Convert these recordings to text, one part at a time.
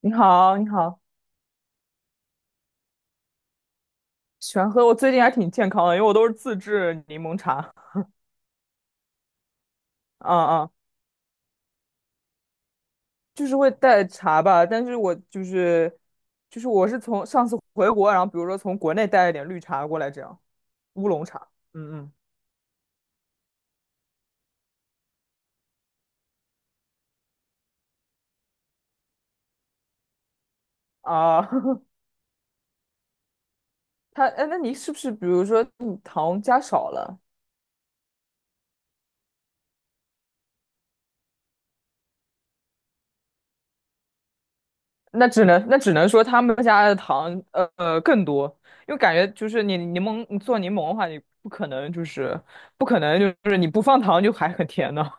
你好，你好，喜欢喝。我最近还挺健康的，因为我都是自制柠檬茶。嗯嗯，就是会带茶吧，但是我就是我是从上次回国，然后比如说从国内带了点绿茶过来，这样乌龙茶。嗯嗯啊，哎，那你是不是比如说你糖加少了？那只能说他们家的糖更多，因为感觉就是你做柠檬的话，你不可能就是你不放糖就还很甜呢。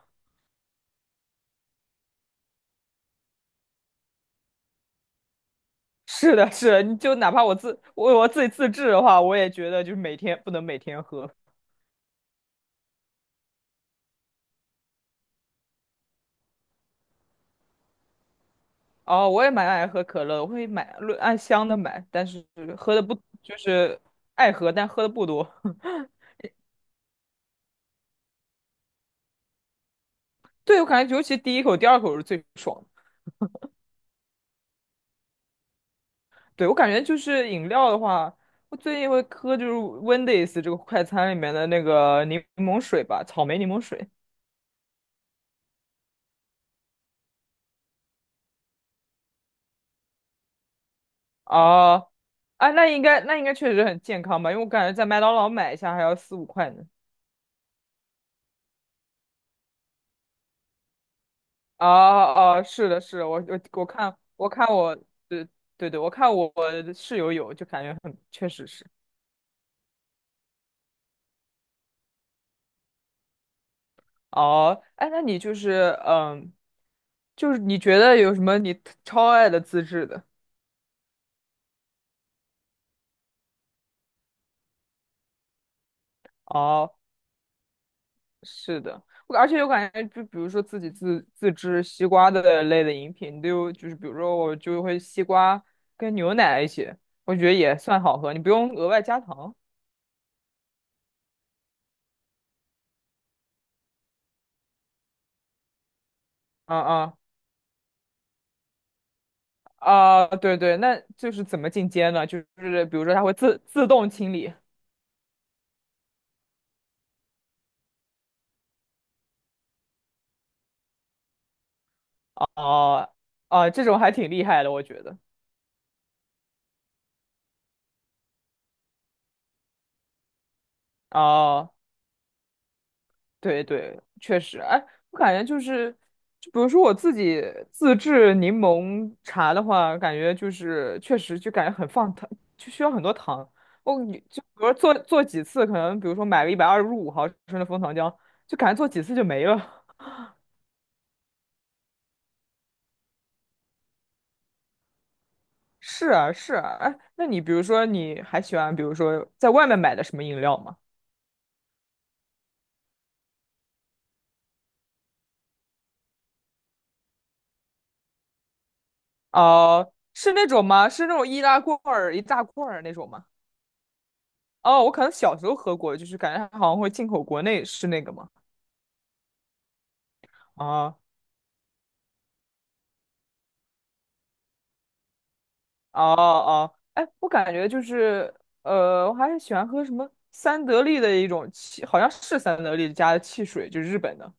是的，是的，你就哪怕我自己自制的话，我也觉得就是每天不能每天喝。哦，我也蛮爱喝可乐的我会买按箱的买，但是喝的不就是爱喝，但喝的不多。对，我感觉尤其第一口、第二口是最爽的。对，我感觉就是饮料的话，我最近会喝就是 Wendy's 这个快餐里面的那个柠檬水吧，草莓柠檬水。啊，啊，那应该确实很健康吧，因为我感觉在麦当劳买一下还要4、5块呢。啊啊，是的，是的我看我，对对对，我看我我室友有，就感觉很，确实是。哦，哎，那你就是嗯，就是你觉得有什么你特超爱的自制的？哦，是的，而且我感觉就比如说自己自制西瓜的类的饮品，就是比如说我就会西瓜跟牛奶一起，我觉得也算好喝，你不用额外加糖。嗯嗯啊，对对，那就是怎么进阶呢？就是比如说它会自动清理。啊啊，这种还挺厉害的，我觉得。啊，对对，确实，哎，我感觉就是，就比如说我自己自制柠檬茶的话，感觉就是确实就感觉很放糖，就需要很多糖。你就比如说做做几次，可能比如说买了125毫升的枫糖浆，就感觉做几次就没了。是啊，是啊，哎，那你比如说，你还喜欢，比如说在外面买的什么饮料吗？哦、是那种吗？是那种易拉罐儿一大罐儿那种吗？哦，我可能小时候喝过，就是感觉它好像会进口国内，是那个吗？哦，哦哦，哎，我感觉就是，我还是喜欢喝什么三得利的一种汽，好像是三得利家的汽水，就是日本的。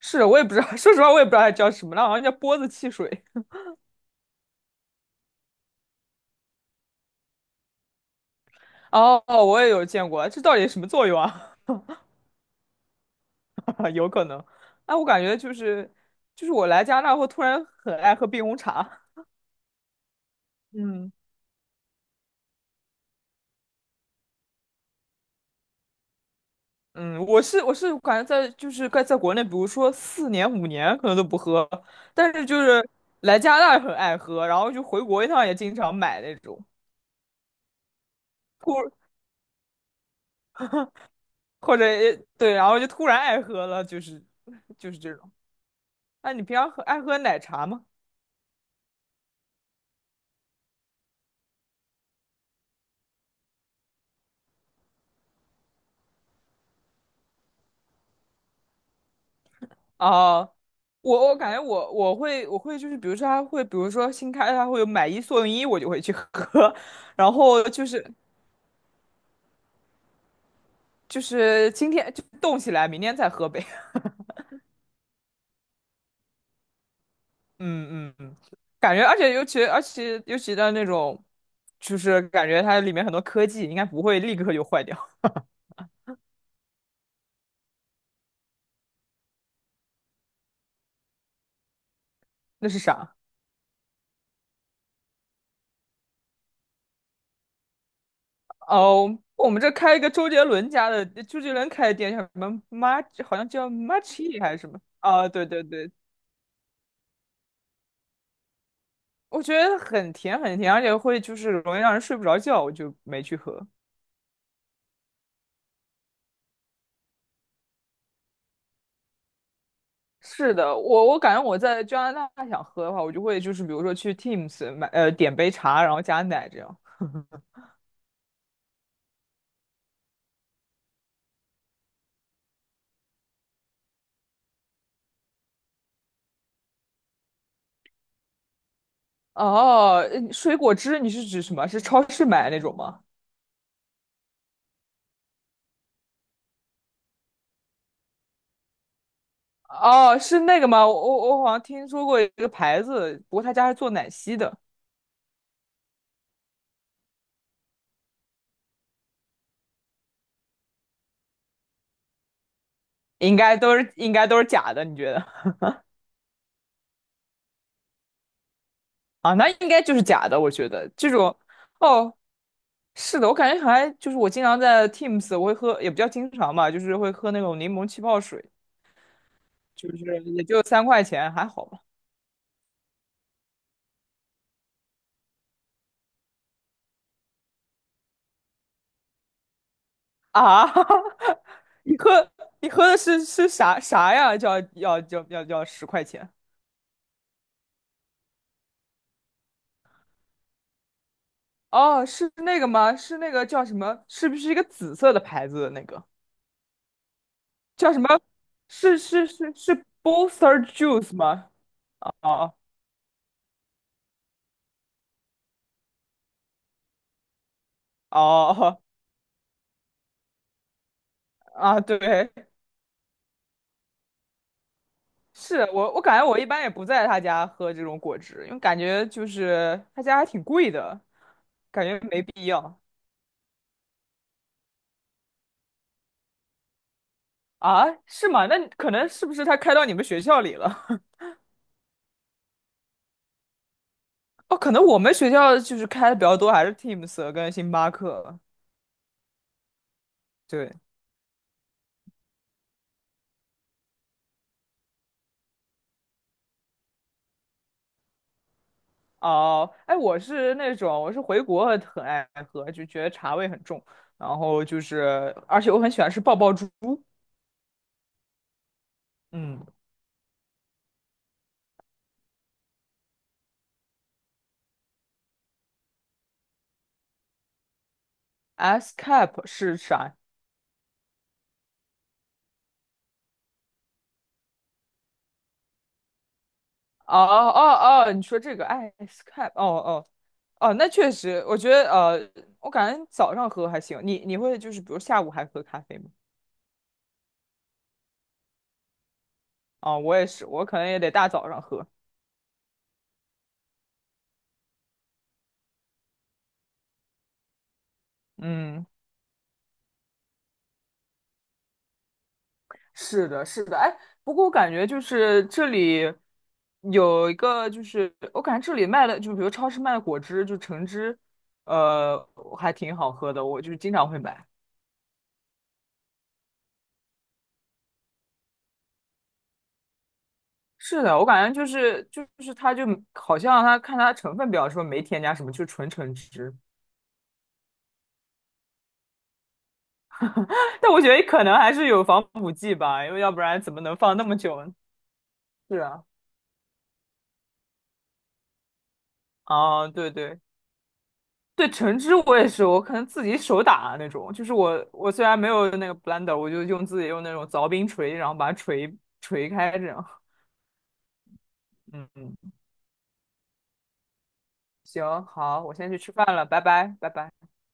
是，我也不知道，说实话，我也不知道它叫什么，那好像叫波子汽水。哦，我也有见过，这到底什么作用啊？啊，有可能。哎，我感觉就是我来加拿大后突然很爱喝冰红茶。嗯，嗯，我是感觉在就是在国内，比如说4年5年可能都不喝，但是就是来加拿大很爱喝，然后就回国一趟也经常买那种。突或者对，然后就突然爱喝了，就是这种。那你平常爱喝奶茶吗？啊，我感觉我会就是比如说他会比如说新开他会有买一送一，我就会去喝，然后就是今天就冻起来，明天再喝呗。嗯嗯嗯，感觉而且尤其的那种，就是感觉它里面很多科技应该不会立刻就坏掉。那是啥？哦，我们这开一个周杰伦家的，周杰伦开的店叫什么 m a 好像叫 Machi 还是什么？啊，对对对。我觉得很甜很甜，而且会就是容易让人睡不着觉，我就没去喝。是的，我感觉我在加拿大想喝的话，我就会就是比如说去 Teams 买点杯茶，然后加奶这样。哦，水果汁你是指什么？是超市买的那种吗？哦，是那个吗？我好像听说过一个牌子，不过他家是做奶昔的，应该都是假的，你觉得？啊，那应该就是假的，我觉得这种。哦，是的，我感觉还就是我经常在 Teams，我会喝，也不叫经常吧，就是会喝那种柠檬气泡水，就是也就3块钱，还好吧。啊，你喝你喝的是啥呀？叫要10块钱？哦，是那个吗？是那个叫什么？是不是一个紫色的牌子的那个？叫什么？是 Booster Juice 吗？哦哦哦。 啊，对，是我，我感觉我一般也不在他家喝这种果汁，因为感觉就是他家还挺贵的，感觉没必要。啊？是吗？那可能是不是他开到你们学校里了？哦，可能我们学校就是开的比较多，还是 Teams 跟星巴克。对，哦，哎，我是那种，我是回国很爱喝，就觉得茶味很重，然后就是，而且我很喜欢吃爆爆珠。嗯，S cap 是啥？哦哦哦，你说这个 S cap，哦哦。哦，那确实，我觉得我感觉早上喝还行。你会就是比如下午还喝咖啡吗？啊、我也是，我可能也得大早上喝。嗯，是的，是的。哎，不过我感觉就是这里有一个，就是我感觉这里卖的，就比如超市卖的果汁，就橙汁，呃，还挺好喝的，我就是经常会买。是的，我感觉就是它就好像它看它成分表说没添加什么，就纯橙汁。但我觉得可能还是有防腐剂吧，因为要不然怎么能放那么久呢？是啊，啊，对对对，橙汁我也是，我可能自己手打那种，就是我虽然没有那个 blender，我就用自己用那种凿冰锤，然后把它锤开这样。嗯嗯，行，好，我先去吃饭了，拜拜，拜拜。